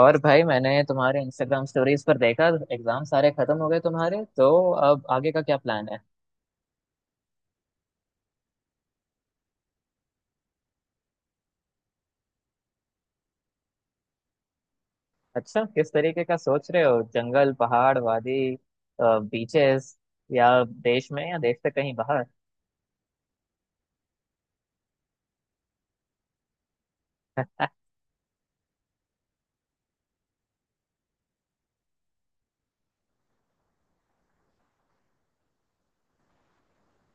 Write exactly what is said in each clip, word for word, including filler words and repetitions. और भाई मैंने तुम्हारे इंस्टाग्राम स्टोरीज पर देखा। एग्जाम सारे खत्म हो गए तुम्हारे, तो अब आगे का क्या प्लान है? अच्छा, किस तरीके का सोच रहे हो? जंगल, पहाड़, वादी, बीचेस? या देश में या देश से कहीं बाहर?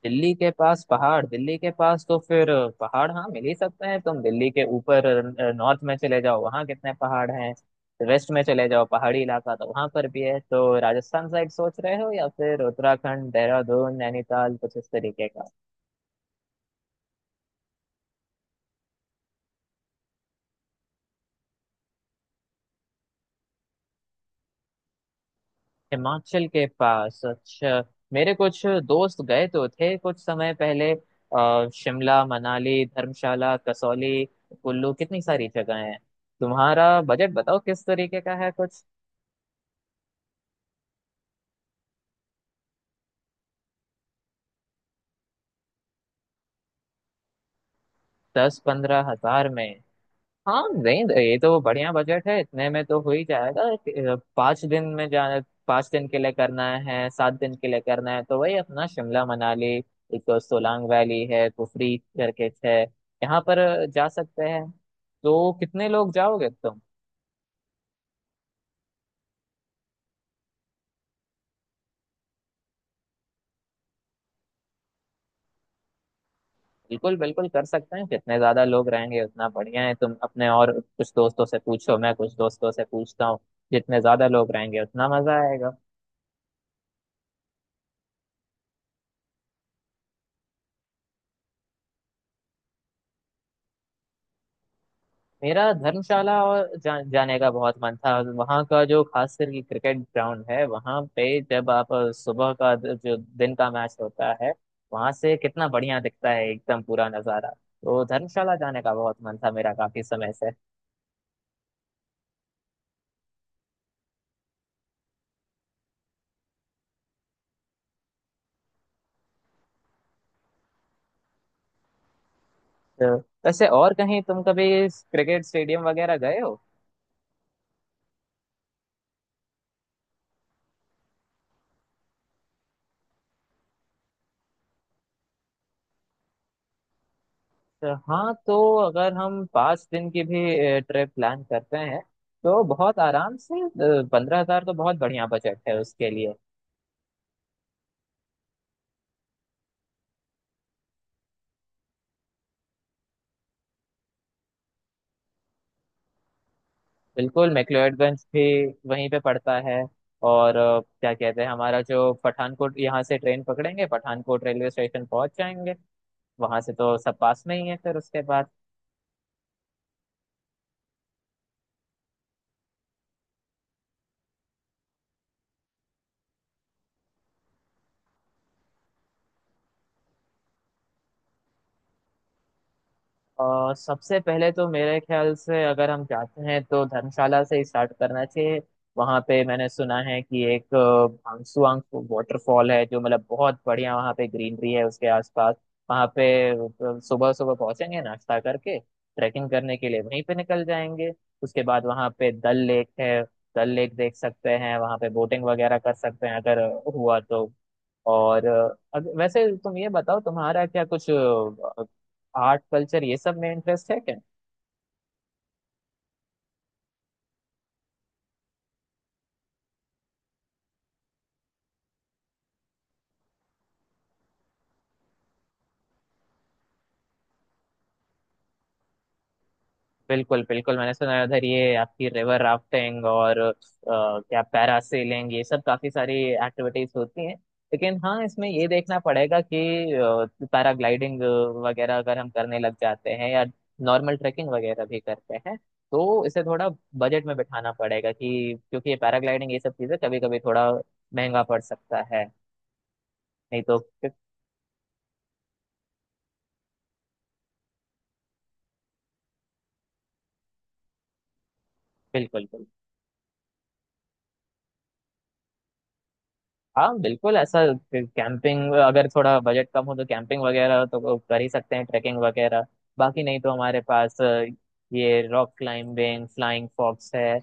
दिल्ली के पास पहाड़? दिल्ली के पास तो फिर पहाड़ हाँ मिल ही सकते हैं। तुम दिल्ली के ऊपर नॉर्थ में चले जाओ, वहाँ कितने पहाड़ हैं। वेस्ट में चले जाओ, पहाड़ी इलाका तो वहां पर भी है। तो राजस्थान साइड सोच रहे हो या फिर उत्तराखंड, देहरादून, नैनीताल, कुछ इस तरीके का? हिमाचल के पास, अच्छा। मेरे कुछ दोस्त गए तो थे कुछ समय पहले अ, शिमला, मनाली, धर्मशाला, कसौली, कुल्लू, कितनी सारी जगह हैं। तुम्हारा बजट बताओ किस तरीके का है कुछ? दस पंद्रह हजार में? हाँ नहीं, ये तो बढ़िया बजट है, इतने में तो हो ही जाएगा। अ, पाँच दिन में जा, पाँच दिन के लिए करना है, सात दिन के लिए करना है, तो वही अपना शिमला मनाली। एक तो सोलांग वैली है, कुफरी करके है यहाँ पर, जा सकते हैं। तो कितने लोग जाओगे तुम? बिल्कुल बिल्कुल, कर सकते हैं। जितने ज्यादा लोग रहेंगे उतना बढ़िया है। तुम अपने और कुछ दोस्तों से पूछो, मैं कुछ दोस्तों से पूछता हूँ। जितने ज्यादा लोग रहेंगे उतना मजा आएगा। मेरा धर्मशाला और जा, जाने का बहुत मन था। वहाँ का जो खास करके क्रिकेट ग्राउंड है वहाँ पे, जब आप सुबह का द- जो दिन का मैच होता है, वहाँ से कितना बढ़िया दिखता है एकदम पूरा नज़ारा। तो धर्मशाला जाने का बहुत मन था मेरा काफी समय से। तो वैसे और कहीं तुम कभी क्रिकेट स्टेडियम वगैरह गए हो? तो हाँ, तो अगर हम पाँच दिन की भी ट्रिप प्लान करते हैं, तो बहुत आराम से पंद्रह हजार तो बहुत बढ़िया बजट है उसके लिए। बिल्कुल, मैक्लोडगंज भी वहीं पे पड़ता है। और अ, क्या कहते हैं, हमारा जो पठानकोट, यहाँ से ट्रेन पकड़ेंगे, पठानकोट रेलवे स्टेशन पहुंच जाएंगे, वहां से तो सब पास में ही है फिर उसके बाद। अ, सबसे पहले तो मेरे ख्याल से अगर हम जाते हैं तो धर्मशाला से ही स्टार्ट करना चाहिए। वहां पे मैंने सुना है कि एक भांगसुआंग वाटरफॉल है, जो मतलब बहुत बढ़िया, वहां पे ग्रीनरी है उसके आसपास। वहां पे सुबह सुबह पहुंचेंगे, नाश्ता करके ट्रैकिंग करने के लिए वहीं पे निकल जाएंगे। उसके बाद वहां पे डल लेक है, डल लेक देख सकते हैं, वहां पे बोटिंग वगैरह कर सकते हैं अगर हुआ तो। और अ, अग- वैसे तुम ये बताओ, तुम्हारा क्या कुछ आर्ट कल्चर ये सब में इंटरेस्ट है क्या? बिल्कुल बिल्कुल, मैंने सुना है उधर ये आपकी रिवर राफ्टिंग और अ, क्या पैरासेलिंग, ये सब काफी सारी एक्टिविटीज होती हैं। लेकिन हाँ, इसमें ये देखना पड़ेगा कि पैराग्लाइडिंग वगैरह अगर हम करने लग जाते हैं या नॉर्मल ट्रैकिंग वगैरह भी करते हैं, तो इसे थोड़ा बजट में बिठाना पड़ेगा, कि क्योंकि ये पैराग्लाइडिंग ये सब चीजें कभी कभी थोड़ा महंगा पड़ सकता है। नहीं तो बिल्कुल बिल्कुल। हाँ बिल्कुल ऐसा। कैंपिंग, अगर थोड़ा बजट कम हो तो कैंपिंग वगैरह तो कर ही सकते हैं, ट्रैकिंग वगैरह। बाकी नहीं तो हमारे पास अ, ये रॉक क्लाइंबिंग, फ्लाइंग फॉक्स है। अ,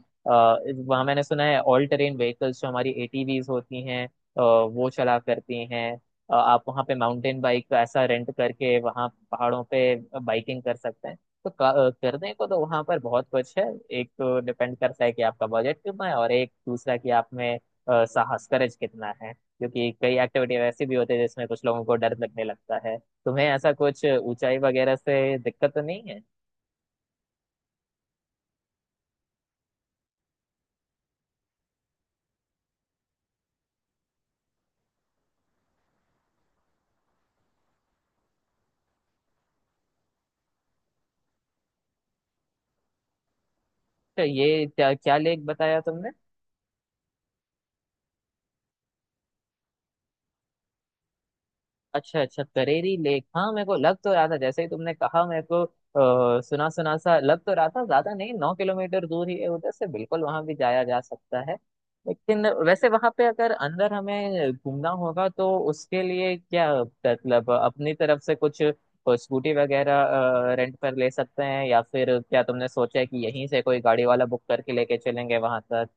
इस- वहाँ मैंने सुना है ऑल टेरेन व्हीकल्स, जो हमारी एटीवीज होती हैं, अ, वो चला करती हैं। अ, आप वहाँ पे माउंटेन बाइक ऐसा रेंट करके वहाँ पहाड़ों पे बाइकिंग कर सकते हैं। तो का- अ, करने को तो तो वहाँ पर बहुत कुछ है। एक तो डिपेंड करता है कि आपका बजट कितना है, और एक दूसरा कि आप में अ, साहस, करेज कितना है, क्योंकि कई एक्टिविटी वैसी भी होती है जिसमें कुछ लोगों को डर लगने लगता है। तुम्हें ऐसा कुछ ऊंचाई वगैरह से दिक्कत तो नहीं है? तो ये क्या क्या लेख बताया तुमने? अच्छा अच्छा, करेरी लेक, हाँ मेरे को लग तो रहा था जैसे ही तुमने कहा, मेरे को आ, सुना सुना सा लग तो रहा था। ज्यादा नहीं, नौ किलोमीटर दूर ही है उधर से, बिल्कुल वहां भी जाया जा सकता है। लेकिन वैसे वहां पे अगर अंदर हमें घूमना होगा तो उसके लिए क्या, मतलब अपनी तरफ से कुछ स्कूटी वगैरह रेंट पर ले सकते हैं, या फिर क्या तुमने सोचा है कि यहीं से कोई गाड़ी वाला बुक करके लेके चलेंगे वहां तक?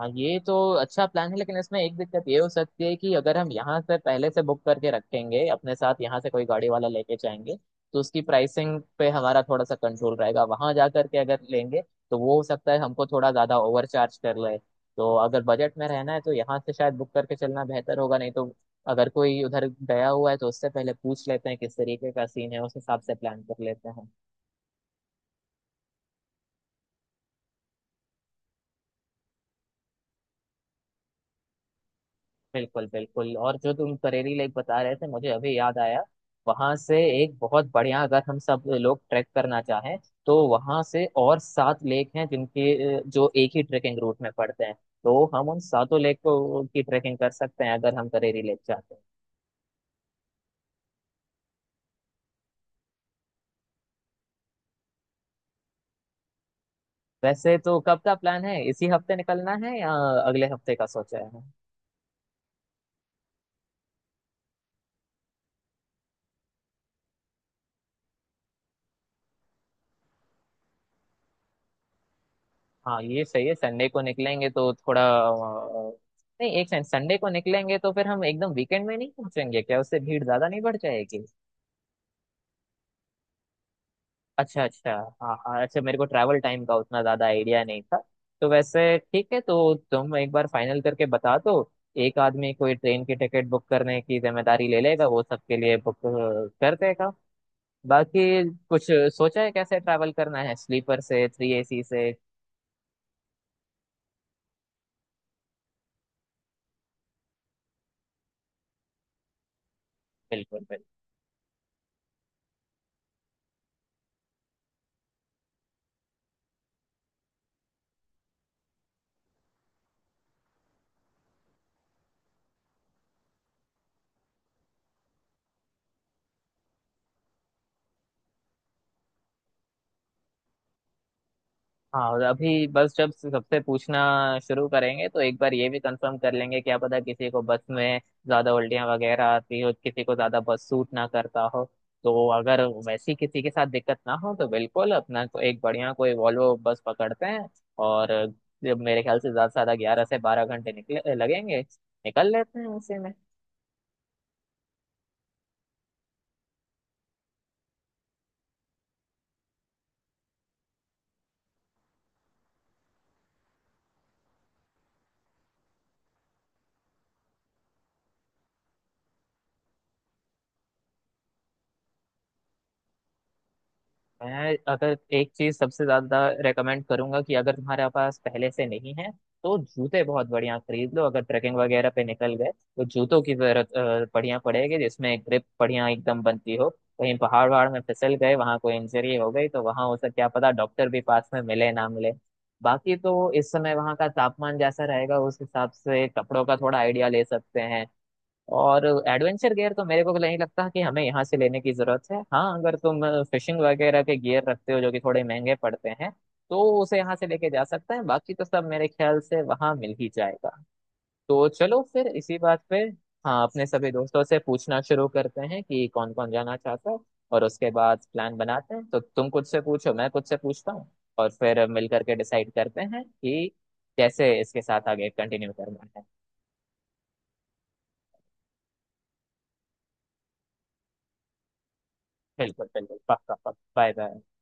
हाँ ये तो अच्छा प्लान है, लेकिन इसमें एक दिक्कत ये हो सकती है कि अगर हम यहाँ से पहले से बुक करके रखेंगे, अपने साथ यहाँ से कोई गाड़ी वाला लेके जाएंगे, तो उसकी प्राइसिंग पे हमारा थोड़ा सा कंट्रोल रहेगा। वहां जा करके अगर लेंगे तो वो हो सकता है हमको थोड़ा ज्यादा ओवर चार्ज कर ले। तो अगर बजट में रहना है तो यहाँ से शायद बुक करके चलना बेहतर होगा, नहीं तो अगर कोई उधर गया हुआ है तो उससे पहले पूछ लेते हैं किस तरीके का सीन है, उस हिसाब से प्लान कर लेते हैं। बिल्कुल बिल्कुल, और जो तुम करेरी लेक बता रहे थे, मुझे अभी याद आया, वहां से एक बहुत बढ़िया, अगर हम सब लोग ट्रैक करना चाहें, तो वहां से और सात लेक हैं जिनके अ, जो एक ही ट्रेकिंग रूट में पड़ते हैं। तो हम उन सातों लेक को की ट्रेकिंग कर सकते हैं अगर हम करेरी लेक चाहते हैं। वैसे तो कब का प्लान है? इसी हफ्ते निकलना है या अगले हफ्ते का सोचा है? हाँ ये सही है, संडे को निकलेंगे तो थोड़ा अ, नहीं एक सेकंड, संडे को निकलेंगे तो फिर हम एकदम वीकेंड में नहीं पहुंचेंगे क्या? उससे भीड़ ज्यादा नहीं बढ़ जाएगी? अच्छा अच्छा, हाँ हाँ अच्छा, मेरे को ट्रैवल टाइम का उतना ज्यादा आइडिया नहीं था। तो वैसे ठीक है, तो तुम एक बार फाइनल करके बता दो, एक आदमी कोई ट्रेन की टिकट बुक करने की जिम्मेदारी ले लेगा, वो सबके लिए बुक कर देगा। बाकी कुछ सोचा है कैसे ट्रैवल करना है? स्लीपर से, थ्री एसी से? बिल्कुल बिल्कुल। हाँ, और अभी बस जब सबसे पूछना शुरू करेंगे तो एक बार ये भी कंफर्म कर लेंगे, क्या पता किसी को बस में ज्यादा उल्टियां वगैरह आती हो, किसी को ज्यादा बस सूट ना करता हो। तो अगर वैसी किसी के साथ दिक्कत ना हो तो बिल्कुल अपना को एक बढ़िया कोई वॉल्वो बस पकड़ते हैं। और जब मेरे ख्याल से ज्यादा से ज्यादा ग्यारह से बारह घंटे निकले लगेंगे, निकल लेते हैं उसी में। मैं अगर एक चीज सबसे ज्यादा रेकमेंड करूंगा, कि अगर तुम्हारे पास पहले से नहीं है तो जूते बहुत बढ़िया खरीद लो। अगर ट्रैकिंग वगैरह पे निकल गए तो जूतों की जरूरत अ, बढ़िया पड़ेगी, जिसमें ग्रिप बढ़िया एकदम बनती हो। कहीं पहाड़ वहाड़ में फिसल गए, वहां कोई इंजरी हो गई, तो वहां हो सकता क्या पता डॉक्टर भी पास में मिले ना मिले। बाकी तो इस समय वहां का तापमान जैसा रहेगा उस हिसाब से कपड़ों का थोड़ा आइडिया ले सकते हैं। और एडवेंचर गियर तो मेरे को तो नहीं लगता कि हमें यहाँ से लेने की जरूरत है। हाँ अगर तुम फिशिंग वगैरह के गियर रखते हो जो कि थोड़े महंगे पड़ते हैं, तो उसे यहाँ से लेके जा सकते हैं। बाकी तो सब मेरे ख्याल से वहाँ मिल ही जाएगा। तो चलो फिर इसी बात पे। हाँ, अपने सभी दोस्तों से पूछना शुरू करते हैं कि कौन कौन जाना चाहता है, और उसके बाद प्लान बनाते हैं। तो तुम कुछ से पूछो, मैं कुछ से पूछता हूँ। और फिर मिलकर के डिसाइड करते हैं कि कैसे इसके साथ आगे कंटिन्यू करना है। बिल्कुल बिल्कुल, पक्का पक्का, बाय बाय।